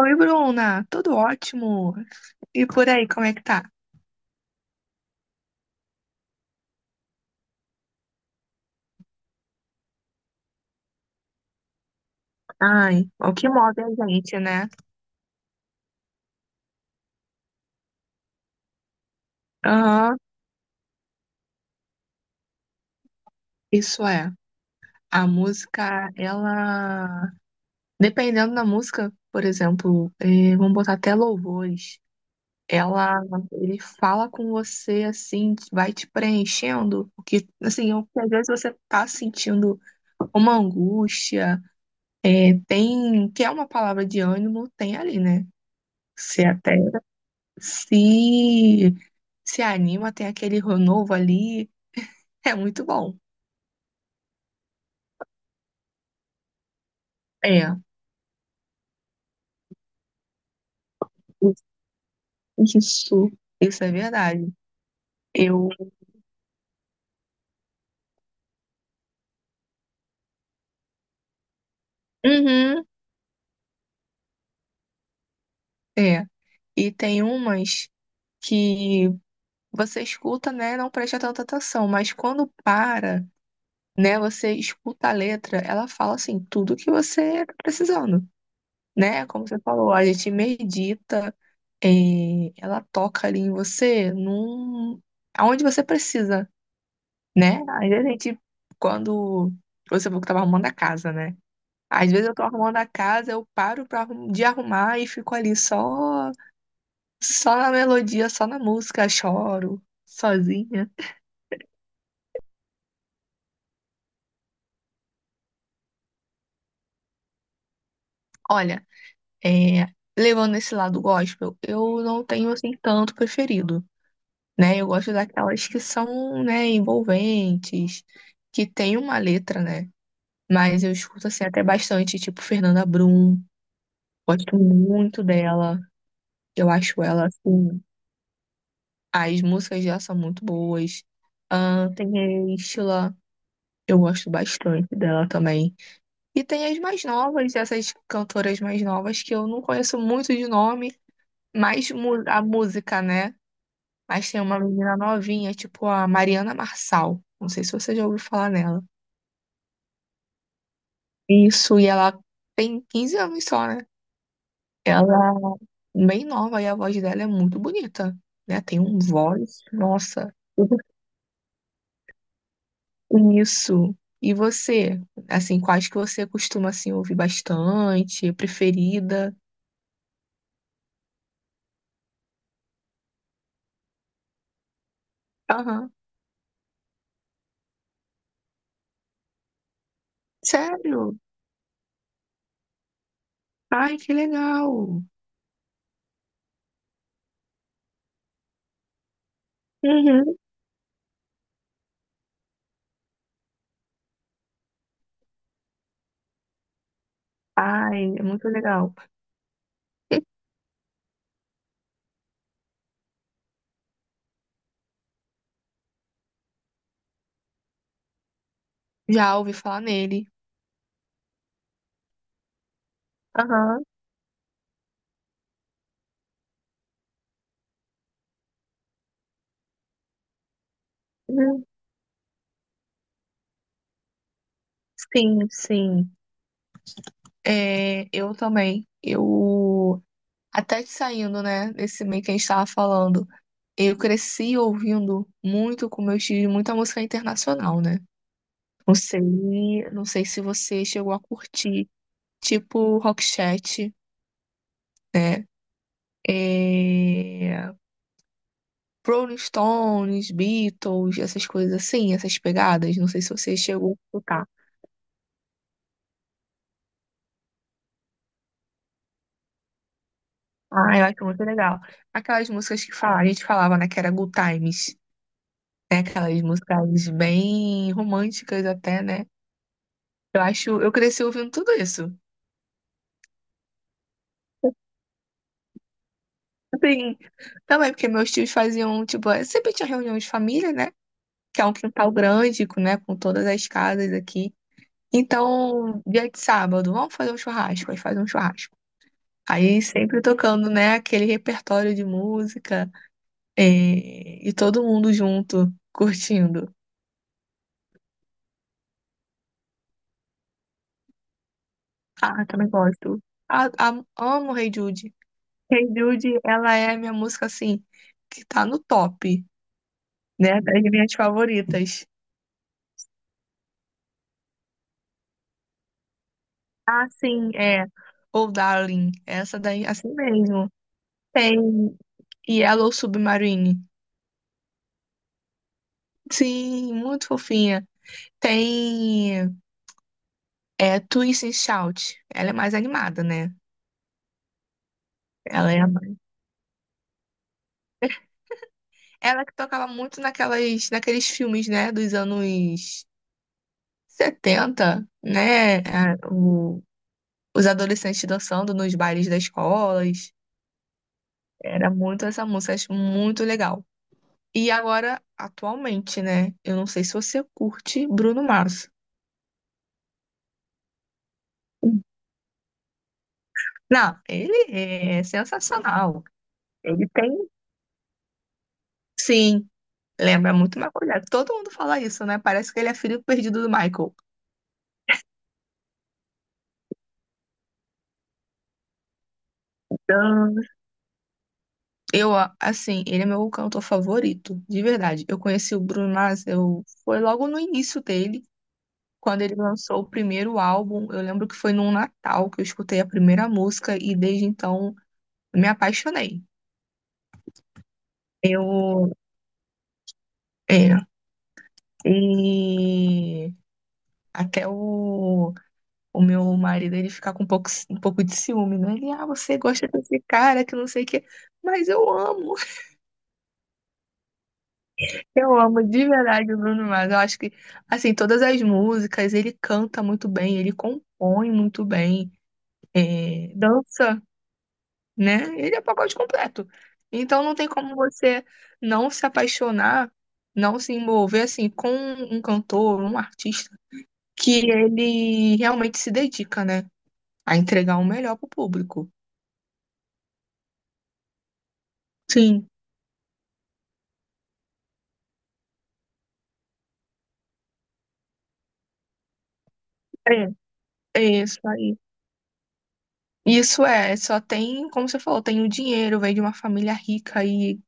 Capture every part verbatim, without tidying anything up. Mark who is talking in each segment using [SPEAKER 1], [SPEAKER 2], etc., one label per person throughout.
[SPEAKER 1] Oi, Bruna, tudo ótimo? E por aí, como é que tá? Ai, o que move a gente, né? Aham, isso é. A música, ela. Dependendo da música, por exemplo, eh, vamos botar até louvores. Ela, ele fala com você assim, vai te preenchendo, porque assim, eu- às vezes você tá sentindo uma angústia, é, tem, que é uma palavra de ânimo, tem ali, né? Se até se se anima, tem aquele novo ali. É muito bom. É, isso, isso é verdade. Eu, uhum, é. E tem umas que você escuta, né, não presta tanta atenção, mas quando para, né, você escuta a letra, ela fala assim, tudo que você tá precisando, né? Como você falou, a gente medita, é, ela toca ali em você, num, aonde você precisa, né? Às vezes a gente, quando você falou que tava arrumando a casa, né? Às vezes eu tô arrumando a casa, eu paro pra, arrum- de arrumar e fico ali só, só na melodia, só na música, choro, sozinha. Olha, é, levando esse lado gospel, eu não tenho assim tanto preferido, né? Eu gosto daquelas que são, né, envolventes, que tem uma letra, né? Mas eu escuto assim até bastante, tipo Fernanda Brum, gosto muito dela. Eu acho ela assim. As músicas dela são muito boas. Ah, tem a Estila, eu gosto bastante dela também. E tem as mais novas, essas cantoras mais novas que eu não conheço muito de nome, mas mu- a música, né? Mas tem uma menina novinha, tipo a Mariana Marçal. Não sei se você já ouviu falar nela. Isso, e ela tem quinze anos só, né? Ela é bem nova e a voz dela é muito bonita, né? Tem um voz, nossa. Isso. E você? Assim, quais que você costuma assim ouvir bastante, preferida? Aham. Sério? Ai, que legal. Uhum. Ai, é muito legal. Já ouvi falar nele. Aham. Uhum. Sim, sim. É, eu também. Eu até que saindo, né, desse meio que a gente estava falando, eu cresci ouvindo muito com meus tios, muita música internacional, né? Não sei, não sei se você chegou a curtir tipo Rockchat, né? É... Rolling Stones, Beatles, essas coisas assim, essas pegadas. Não sei se você chegou a escutar. Ah, eu acho muito legal. Aquelas músicas que fala, a gente falava, né, que era Good Times, né? Aquelas músicas bem românticas até, né? Eu acho, eu cresci ouvindo tudo isso. Assim, também porque meus tios faziam, tipo, sempre tinha reunião de família, né? Que é um quintal grande, com, né? Com todas as casas aqui. Então, dia de sábado, vamos fazer um churrasco, aí faz um churrasco. Aí sempre tocando, né, aquele repertório de música, eh, e todo mundo junto, curtindo. Ah, também gosto. Ah, ah, amo Hey Jude. Hey Jude, ela é a minha música, assim, que tá no top, né, das minhas favoritas. Ah, sim, é. Ou Darling, essa daí, assim mesmo. Tem Yellow Submarine. Sim, muito fofinha. Tem. É Twist and Shout. Ela é mais animada, né? Ela é a mais... Ela que tocava muito naquelas, naqueles filmes, né, dos anos setenta, né? É, o- os adolescentes dançando nos bailes das escolas. Era muito essa música, acho muito legal. E agora, atualmente, né? Eu não sei se você curte Bruno Mars. Não, ele é sensacional. Ele tem, sim, lembra muito uma coisa. Todo mundo fala isso, né? Parece que ele é filho perdido do Michael. Então, Eu, a- assim, ele é meu cantor favorito, de verdade. Eu conheci o Bruno Mars, eu foi logo no início dele, quando ele lançou o primeiro álbum. Eu lembro que foi num Natal que eu escutei a primeira música e desde então me apaixonei. Eu, é, e até o, o meu marido, ele fica com um pouco, um pouco de ciúme, né? Ele, ah, você gosta desse cara que não sei o quê, mas eu amo. Eu amo de verdade o Bruno Mars. Eu acho que, assim, todas as músicas, ele canta muito bem, ele compõe muito bem, é, dança, né? Ele é pacote completo. Então não tem como você não se apaixonar, não se envolver, assim, com um cantor, um artista, que ele realmente se dedica, né? A entregar o melhor pro público. Sim, é, é isso aí. Isso é, só tem, como você falou, tem o dinheiro, vem de uma família rica e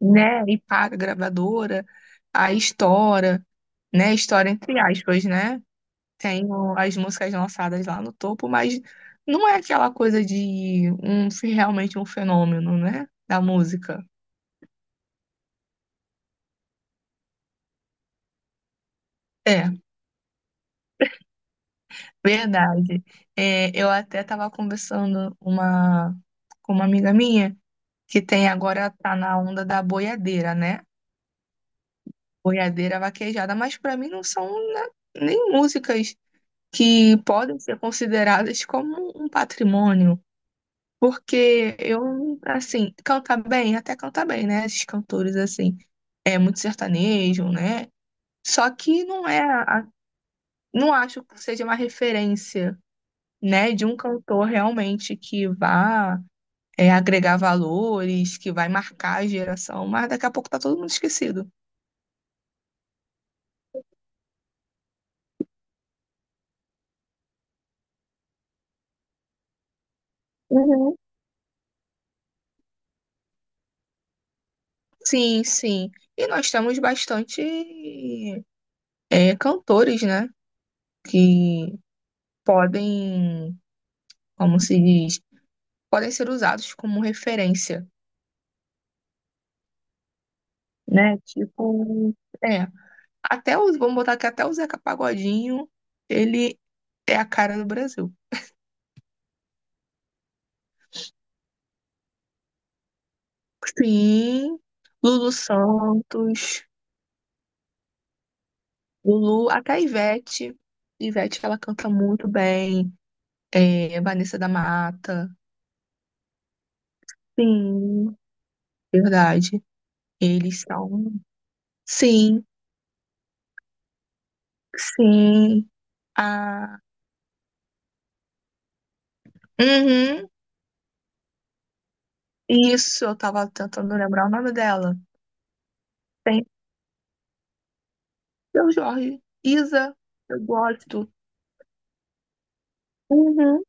[SPEAKER 1] né? E paga a gravadora, aí estoura, né? Estoura entre aspas, né? Tem o- as músicas lançadas lá no topo, mas não é aquela coisa de um realmente um fenômeno, né? Da música. É, verdade. É, eu até estava conversando uma, com uma amiga minha que tem agora tá na onda da boiadeira, né? Boiadeira vaquejada, mas para mim não são né, nem músicas que podem ser consideradas como um patrimônio, porque eu, assim, cantar bem, até cantar bem, né? Esses cantores, assim, é muito sertanejo, né? Só que não é, a- não acho que seja uma referência, né, de um cantor realmente que vá é, agregar valores, que vai marcar a geração, mas daqui a pouco tá todo mundo esquecido. Uhum. Sim, sim. E nós temos bastante é, cantores, né? Que podem, como se diz, podem ser usados como referência, né? Tipo, é, até os, vamos botar aqui, até o Zeca Pagodinho, ele é a cara do Brasil. Sim, Lulu Santos, Lulu, até a Ivete. Ivete, ela canta muito bem. É, Vanessa da Mata. Sim, verdade. Eles são. Sim, sim. Ah, uhum. Isso, eu tava tentando lembrar o nome dela. Tem seu Jorge, Isa, eu gosto. Uhum.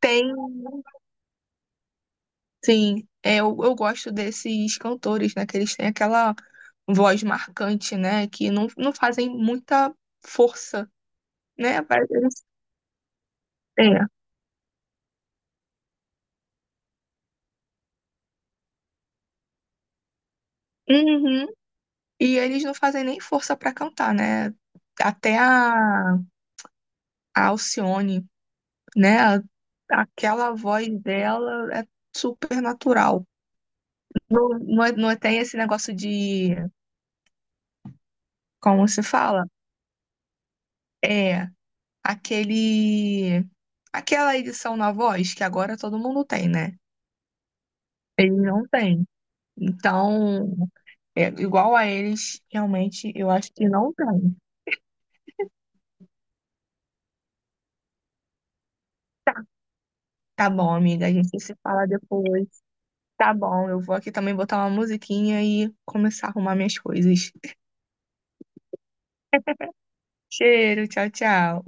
[SPEAKER 1] Tem, sim, é, eu, eu gosto desses cantores, né? Que eles têm aquela voz marcante, né? Que não, não fazem muita força, né? Mas eles- É. Uhum. E eles não fazem nem força pra cantar, né? Até a, a Alcione, né? Aquela voz dela é super natural. Não, não, é- não é tem esse negócio de, como se fala? É aquele, aquela edição na voz que agora todo mundo tem, né? Eles não têm. Então, é, igual a eles, realmente, eu acho que não tem. Tá bom, amiga, a gente se fala depois. Tá bom, eu vou aqui também botar uma musiquinha e começar a arrumar minhas coisas. Cheiro, tchau, tchau.